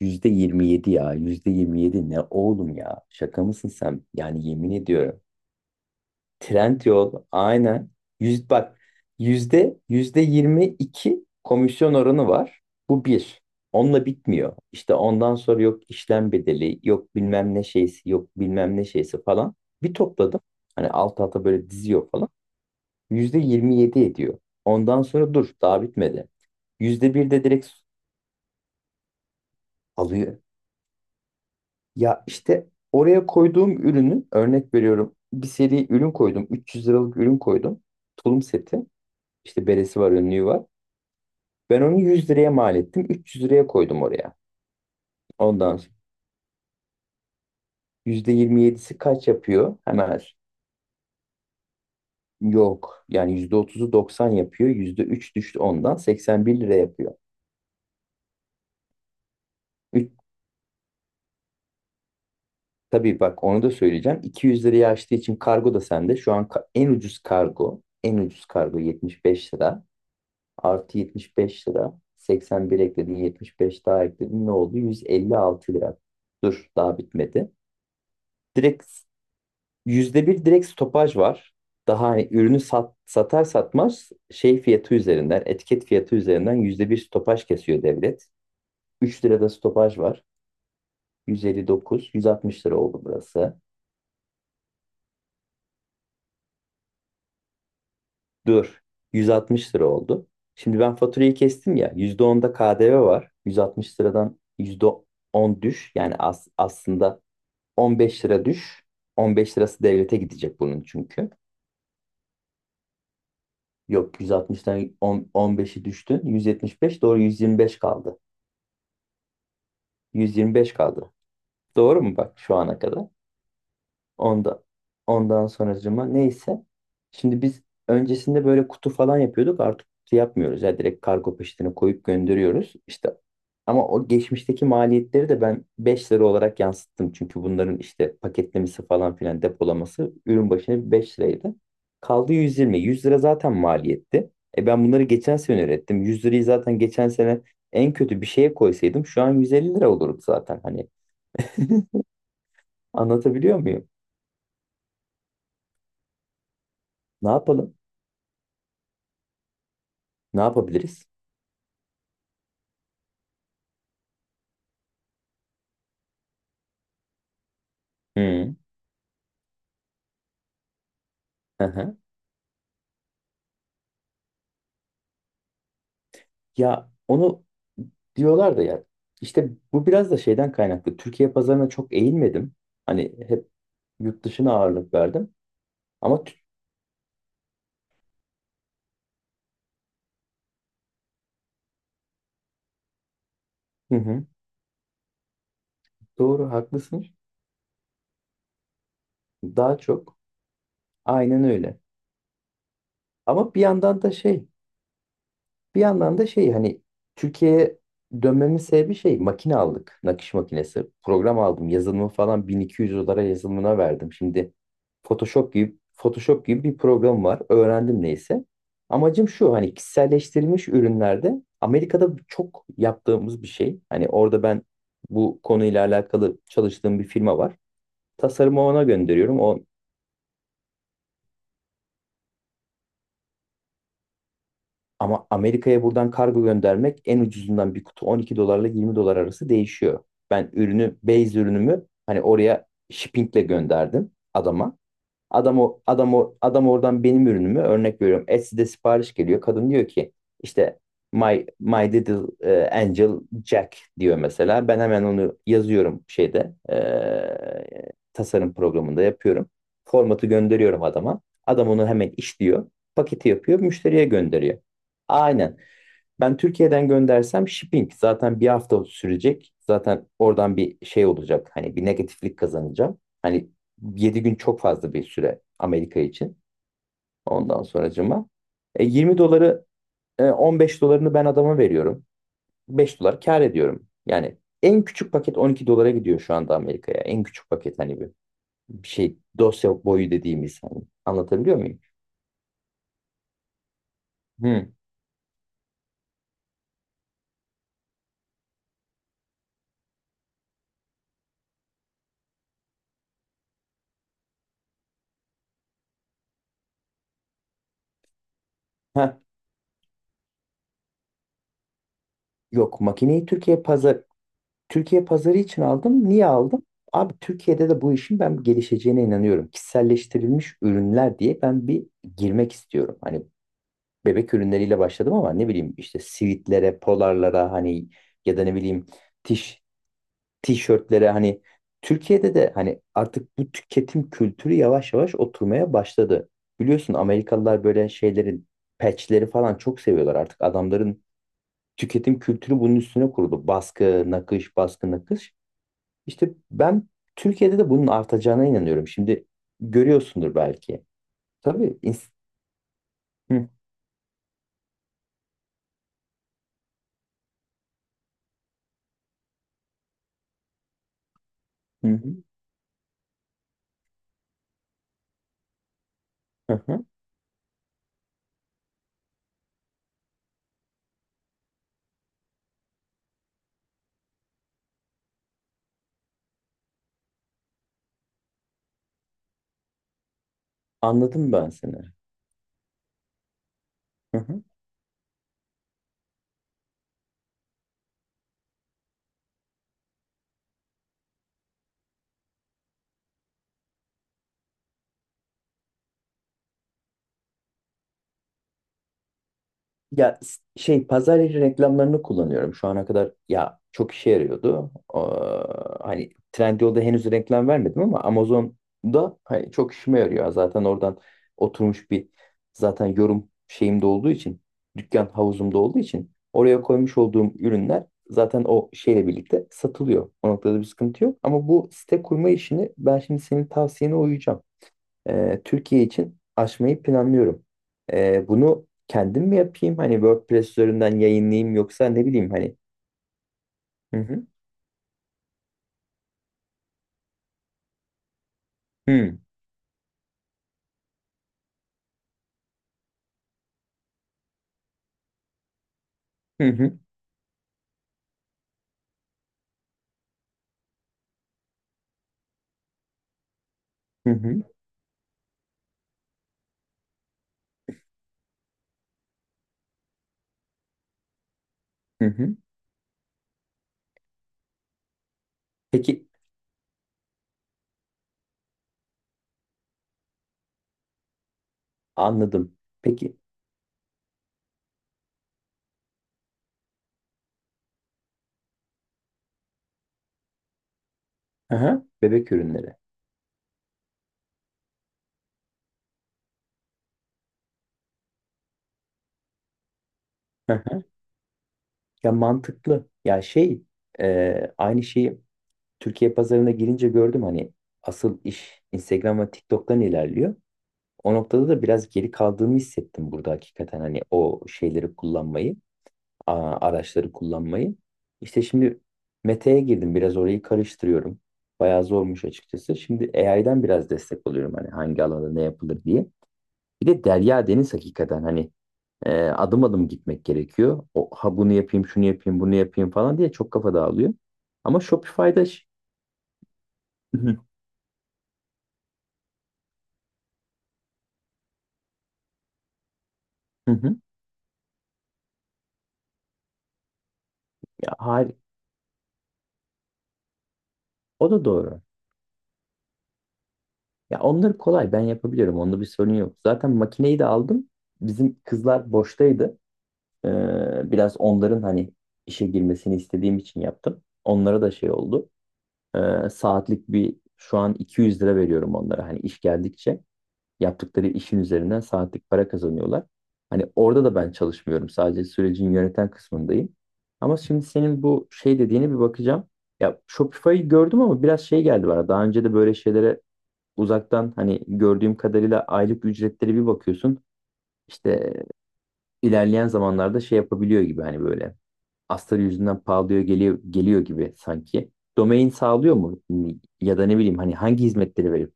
Yüzde 27 ya. %27 ne oğlum ya? Şaka mısın sen? Yani yemin ediyorum. Trend yol aynen. Bak, yüzde 22 komisyon oranı var. Bu bir. Onunla bitmiyor. İşte ondan sonra yok işlem bedeli, yok bilmem ne şeysi, yok bilmem ne şeysi falan. Bir topladım. Hani alt alta böyle diziyor falan. %27 ediyor. Ondan sonra dur daha bitmedi. %1 de direkt alıyor. Ya işte oraya koyduğum ürünü örnek veriyorum. Bir seri ürün koydum. 300 liralık ürün koydum. Tulum seti. İşte beresi var, önlüğü var. Ben onu 100 liraya mal ettim. 300 liraya koydum oraya. Ondan sonra %27'si kaç yapıyor? Hemen yok. Yani %30'u 90 yapıyor. %3 düştü ondan. 81 lira yapıyor. Üç, tabii, bak onu da söyleyeceğim. 200 liraya açtığı için kargo da sende. Şu an en ucuz kargo. En ucuz kargo 75 lira. Artı 75 lira. 81 ekledin, 75 daha ekledin. Ne oldu? 156 lira. Dur, daha bitmedi. Direkt yüzde bir direkt stopaj var. Daha hani ürünü satar satmaz şey fiyatı üzerinden, etiket fiyatı üzerinden %1 stopaj kesiyor devlet. 3 lirada stopaj var. 159, 160 lira oldu burası. Dur, 160 lira oldu. Şimdi ben faturayı kestim ya. %10'da KDV var. 160 liradan %10 düş. Yani aslında 15 lira düş. 15 lirası devlete gidecek bunun çünkü. Yok 160'tan 10 15'i düştün. 175 doğru 125 kaldı. 125 kaldı. Doğru mu bak şu ana kadar? Onda, ondan sonracıma neyse. Şimdi biz öncesinde böyle kutu falan yapıyorduk. Artık kutu yapmıyoruz. Ya direkt kargo peşine koyup gönderiyoruz. İşte ama o geçmişteki maliyetleri de ben 5 lira olarak yansıttım. Çünkü bunların işte paketlemesi falan filan depolaması ürün başına 5 liraydı. Kaldı 120. 100 lira zaten maliyetti. Ben bunları geçen sene ürettim. 100 lirayı zaten geçen sene en kötü bir şeye koysaydım şu an 150 lira olurdu zaten. Hani anlatabiliyor muyum? Ne yapalım? Ne yapabiliriz? Hı, hı hı. Ya onu diyorlar da ya işte bu biraz da şeyden kaynaklı. Türkiye pazarına çok eğilmedim. Hani hep yurt dışına ağırlık verdim. Ama tü- hı hı, doğru haklısın. Daha çok, aynen öyle. Ama bir yandan da şey. Hani Türkiye'ye dönmemin sebebi şey makine aldık. Nakış makinesi. Program aldım. Yazılımı falan 1200 dolara yazılımına verdim. Şimdi Photoshop gibi bir program var. Öğrendim neyse. Amacım şu hani kişiselleştirilmiş ürünlerde Amerika'da çok yaptığımız bir şey. Hani orada ben bu konuyla alakalı çalıştığım bir firma var. Tasarımı ona gönderiyorum. Ama Amerika'ya buradan kargo göndermek en ucuzundan bir kutu 12 dolarla 20 dolar arası değişiyor. Ben base ürünümü hani oraya shippingle gönderdim adama. Adam oradan benim ürünümü örnek veriyorum. Etsy'de sipariş geliyor. Kadın diyor ki işte my little angel Jack diyor mesela. Ben hemen onu yazıyorum şeyde tasarım programında yapıyorum. Formatı gönderiyorum adama. Adam onu hemen işliyor. Paketi yapıyor, müşteriye gönderiyor. Aynen. Ben Türkiye'den göndersem shipping zaten bir hafta sürecek. Zaten oradan bir şey olacak. Hani bir negatiflik kazanacağım. Hani 7 gün çok fazla bir süre Amerika için. Ondan sonracıma. 20 doları 15 dolarını ben adama veriyorum. 5 dolar kar ediyorum. Yani en küçük paket 12 dolara gidiyor şu anda Amerika'ya. En küçük paket hani bir şey dosya boyu dediğimiz hani. Anlatabiliyor muyum? Hı. Heh. Yok makineyi Türkiye pazarı için aldım. Niye aldım? Abi Türkiye'de de bu işin ben gelişeceğine inanıyorum. Kişiselleştirilmiş ürünler diye ben bir girmek istiyorum. Hani bebek ürünleriyle başladım ama ne bileyim işte sivitlere, polarlara hani ya da ne bileyim tiş, tişörtlere hani Türkiye'de de hani artık bu tüketim kültürü yavaş yavaş oturmaya başladı. Biliyorsun Amerikalılar böyle şeylerin patchleri falan çok seviyorlar artık. Adamların tüketim kültürü bunun üstüne kuruldu. Baskı, nakış, baskı, nakış. İşte ben Türkiye'de de bunun artacağına inanıyorum. Şimdi görüyorsundur belki. Tabii. Hı hı hı, hı. Anladım ben seni. Hı hı. Ya şey pazar yeri reklamlarını kullanıyorum. Şu ana kadar ya çok işe yarıyordu. Hani Trendyol'da henüz reklam vermedim ama Amazon'da hani çok işime yarıyor. Zaten oradan oturmuş bir zaten yorum şeyimde olduğu için dükkan havuzumda olduğu için oraya koymuş olduğum ürünler zaten o şeyle birlikte satılıyor. O noktada bir sıkıntı yok. Ama bu site kurma işini ben şimdi senin tavsiyene uyacağım, Türkiye için açmayı planlıyorum. Bunu kendim mi yapayım? Hani WordPress üzerinden yayınlayayım yoksa ne bileyim hani. Hı hı. Hı hı hı hı hı, hı hı. Peki, anladım. Peki. Aha, bebek ürünleri. Aha. Ya mantıklı. Ya şey aynı şeyi Türkiye pazarına girince gördüm hani asıl iş Instagram ve TikTok'tan ilerliyor. O noktada da biraz geri kaldığımı hissettim burada hakikaten hani o şeyleri kullanmayı. Araçları kullanmayı. İşte şimdi Mete'ye girdim. Biraz orayı karıştırıyorum. Bayağı zormuş açıkçası. Şimdi AI'den biraz destek alıyorum. Hani hangi alanda ne yapılır diye. Bir de derya deniz hakikaten hani adım adım gitmek gerekiyor. O, ha bunu yapayım, şunu yapayım, bunu yapayım falan diye çok kafa dağılıyor. Ama Shopify'da. Hı hı, hı hı. Ya, o da doğru. Ya onları kolay ben yapabiliyorum. Onda bir sorun yok. Zaten makineyi de aldım. Bizim kızlar boştaydı. Biraz onların hani işe girmesini istediğim için yaptım. Onlara da şey oldu. Saatlik bir şu an 200 lira veriyorum onlara. Hani iş geldikçe yaptıkları işin üzerinden saatlik para kazanıyorlar. Hani orada da ben çalışmıyorum. Sadece sürecin yöneten kısmındayım. Ama şimdi senin bu şey dediğine bir bakacağım. Ya Shopify'ı gördüm ama biraz şey geldi bana. Daha önce de böyle şeylere uzaktan hani gördüğüm kadarıyla aylık ücretleri bir bakıyorsun. İşte ilerleyen zamanlarda şey yapabiliyor gibi hani böyle astarı yüzünden pahalıya geliyor gibi sanki. Domain sağlıyor mu? Ya da ne bileyim hani hangi hizmetleri veriyor.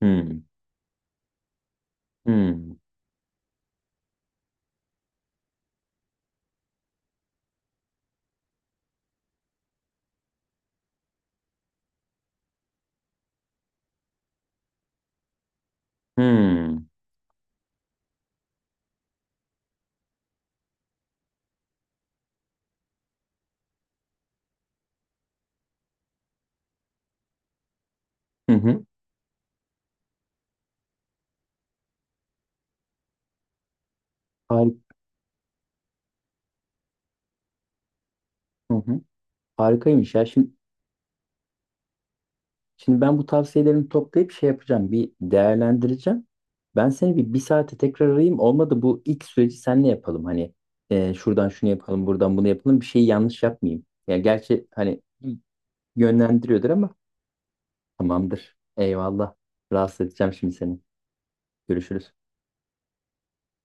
Hmm, hmm, hmm. Hı hı. Harika, hı hı. Harikaymış ya. Şimdi, ben bu tavsiyelerimi toplayıp şey yapacağım. Bir değerlendireceğim. Ben seni bir saate tekrar arayayım. Olmadı bu ilk süreci senle yapalım. Hani şuradan şunu yapalım, buradan bunu yapalım. Bir şeyi yanlış yapmayayım. Ya gerçi hani yönlendiriyordur ama tamamdır. Eyvallah. Rahatsız edeceğim şimdi seni. Görüşürüz.